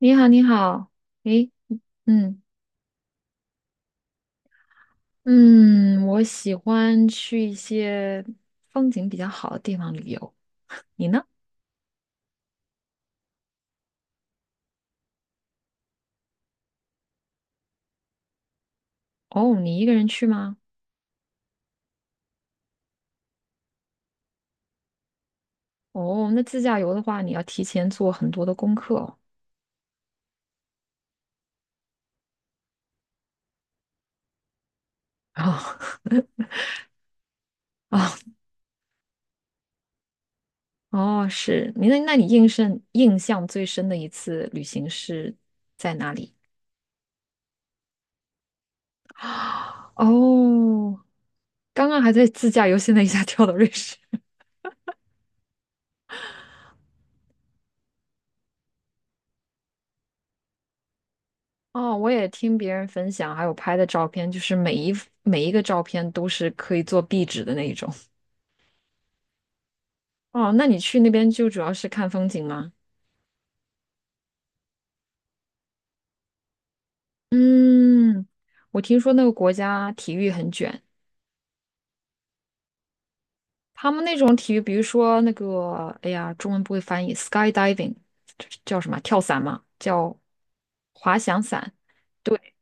你好，你好，诶，嗯嗯，我喜欢去一些风景比较好的地方旅游。你呢？哦，你一个人去吗？哦，那自驾游的话，你要提前做很多的功课哦。哦 哦哦，是你那你印象最深的一次旅行是在哪里？哦，刚刚还在自驾游，现在一下跳到瑞士。哦，我也听别人分享，还有拍的照片，就是每一个照片都是可以做壁纸的那一种。哦，那你去那边就主要是看风景吗？嗯，我听说那个国家体育很卷，他们那种体育，比如说那个，哎呀，中文不会翻译，skydiving,这叫什么？跳伞吗？叫滑翔伞。对，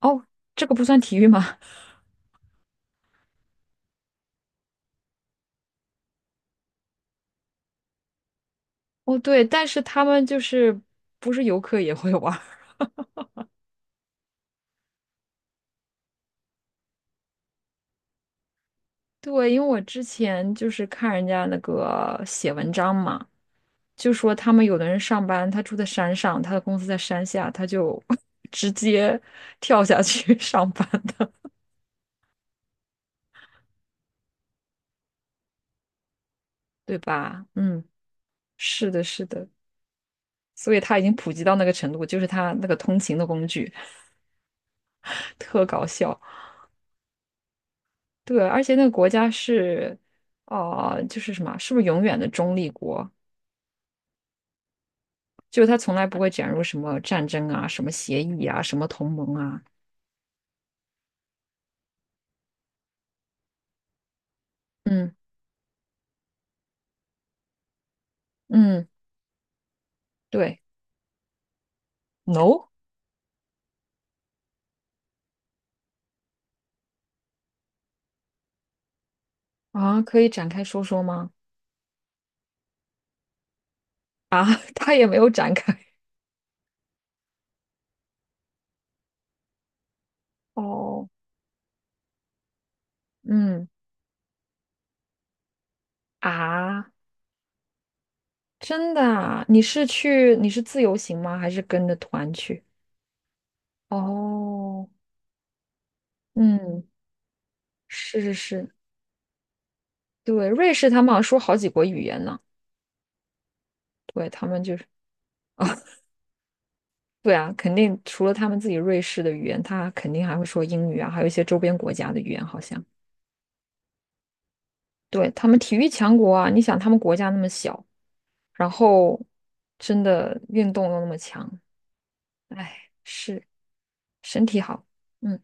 哦，这个不算体育吗？哦，对，但是他们就是不是游客也会玩。对，因为我之前就是看人家那个写文章嘛，就说他们有的人上班，他住在山上，他的公司在山下，他就 直接跳下去 上班的，对吧？嗯，是的，是的，所以他已经普及到那个程度，就是他那个通勤的工具，特搞笑。对，而且那个国家是，就是什么，是不是永远的中立国？就是他从来不会卷入什么战争啊、什么协议啊、什么同盟啊。嗯嗯，对。No 啊，可以展开说说吗？啊，他也没有展开。哦，嗯啊，真的啊？你是自由行吗？还是跟着团去？哦，嗯，是是是，对，瑞士他们好像说好几国语言呢。对，他们就是对啊，肯定除了他们自己瑞士的语言，他肯定还会说英语啊，还有一些周边国家的语言，好像。对，他们体育强国啊，你想他们国家那么小，然后真的运动又那么强。哎，是身体好。嗯，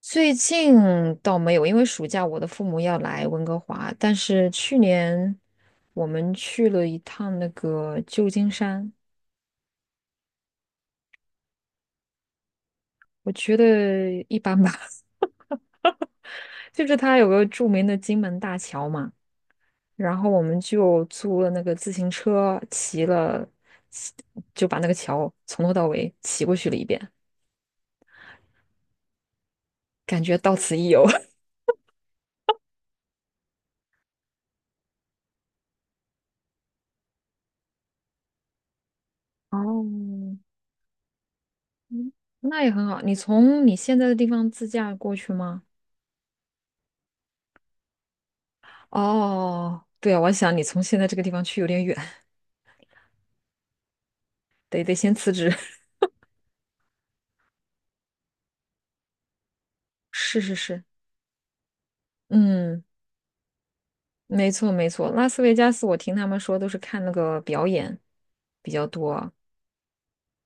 最近倒没有，因为暑假我的父母要来温哥华，但是去年我们去了一趟那个旧金山，我觉得一般吧。就是它有个著名的金门大桥嘛，然后我们就租了那个自行车，骑了，骑就把那个桥从头到尾骑过去了一遍，感觉到此一游。哦，嗯，那也很好。你从你现在的地方自驾过去吗？哦，对啊，我想你从现在这个地方去有点远，得先辞职。是是是，嗯，没错没错。拉斯维加斯，我听他们说都是看那个表演比较多。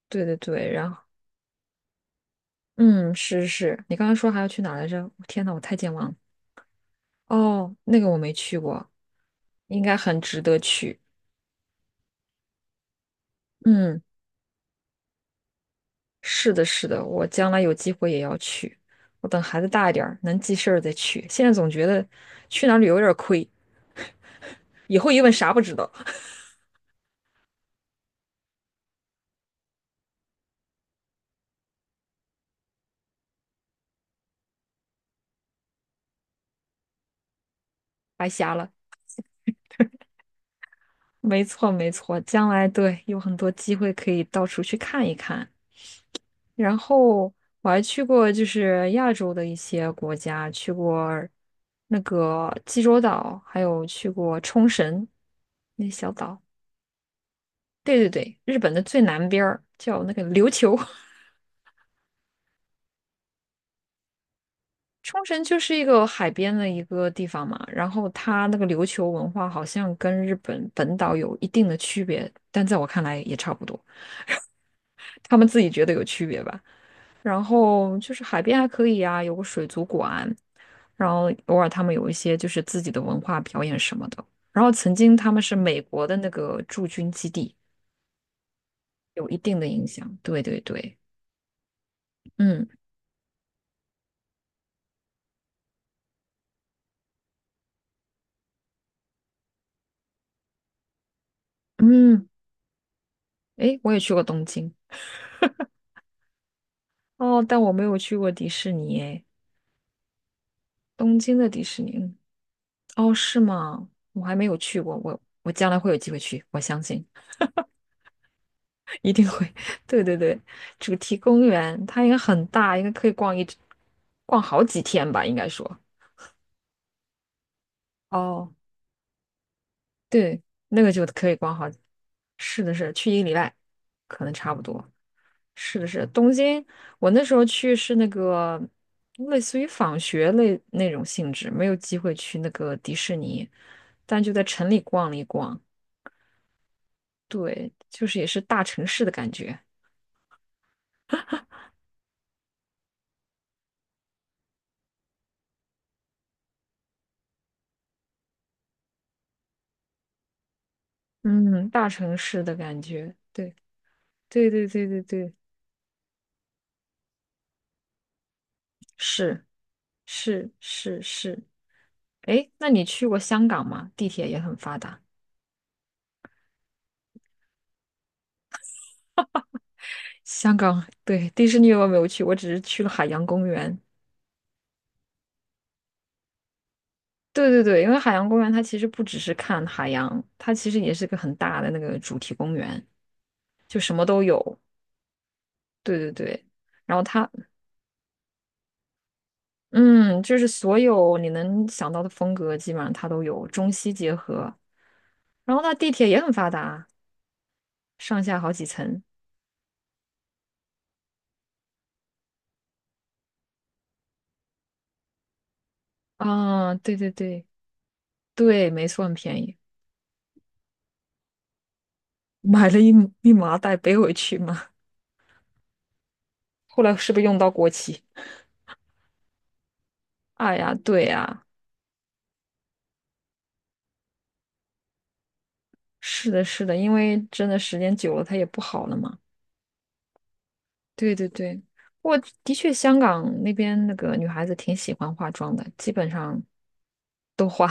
对对对，然后嗯，是是，你刚刚说还要去哪儿来着？天呐，我太健忘了。哦，那个我没去过，应该很值得去。嗯。是的，是的，我将来有机会也要去。我等孩子大一点儿，能记事儿再去。现在总觉得去哪儿旅游有点儿亏，以后一问啥不知道，白瞎了。没错，没错，将来对有很多机会可以到处去看一看。然后我还去过就是亚洲的一些国家，去过那个济州岛，还有去过冲绳那小岛。对对对，日本的最南边儿叫那个琉球。冲绳就是一个海边的一个地方嘛，然后它那个琉球文化好像跟日本本岛有一定的区别，但在我看来也差不多，他们自己觉得有区别吧。然后就是海边还可以啊，有个水族馆，然后偶尔他们有一些就是自己的文化表演什么的。然后曾经他们是美国的那个驻军基地，有一定的影响。对对对，嗯嗯，诶，我也去过东京哦，但我没有去过迪士尼诶。东京的迪士尼，嗯哦，是吗？我还没有去过，我将来会有机会去，我相信 一定会。对对对，主题公园它应该很大，应该可以逛好几天吧，应该说。哦，对，那个就可以逛好。是的是，去一个礼拜，可能差不多。是的是，东京，我那时候去是那个类似于访学类那种性质，没有机会去那个迪士尼，但就在城里逛了一逛。对，就是也是大城市的感觉，嗯，大城市的感觉，对，对对对对对，是是是是，哎，那你去过香港吗？地铁也很发达。香港，对，迪士尼我没有去，我只是去了海洋公园。对对对，因为海洋公园它其实不只是看海洋，它其实也是个很大的那个主题公园，就什么都有。对对对，然后它嗯，就是所有你能想到的风格，基本上它都有，中西结合。然后它地铁也很发达，上下好几层。啊，对对对对，没错，很便宜。买了一麻袋背回去嘛，后来是不是用到过期？哎呀，对呀，是的，是的，因为真的时间久了它也不好了嘛。对对对，我的确香港那边那个女孩子挺喜欢化妆的，基本上都化，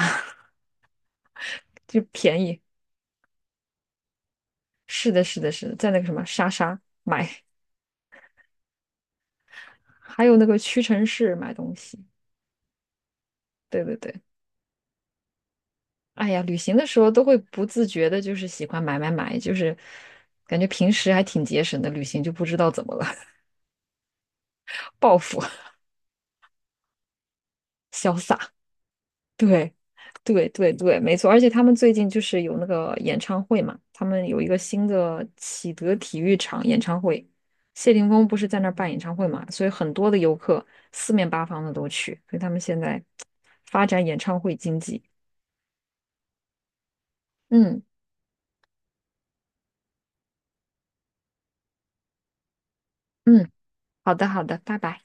就便宜。是的，是的，是的，在那个什么莎莎买，还有那个屈臣氏买东西。对对对，哎呀，旅行的时候都会不自觉的，就是喜欢买买买，就是感觉平时还挺节省的，旅行就不知道怎么了，报复，潇洒。对，对对对，没错。而且他们最近就是有那个演唱会嘛，他们有一个新的启德体育场演唱会，谢霆锋不是在那儿办演唱会嘛，所以很多的游客四面八方的都去，所以他们现在发展演唱会经济。嗯嗯，好的好的，拜拜。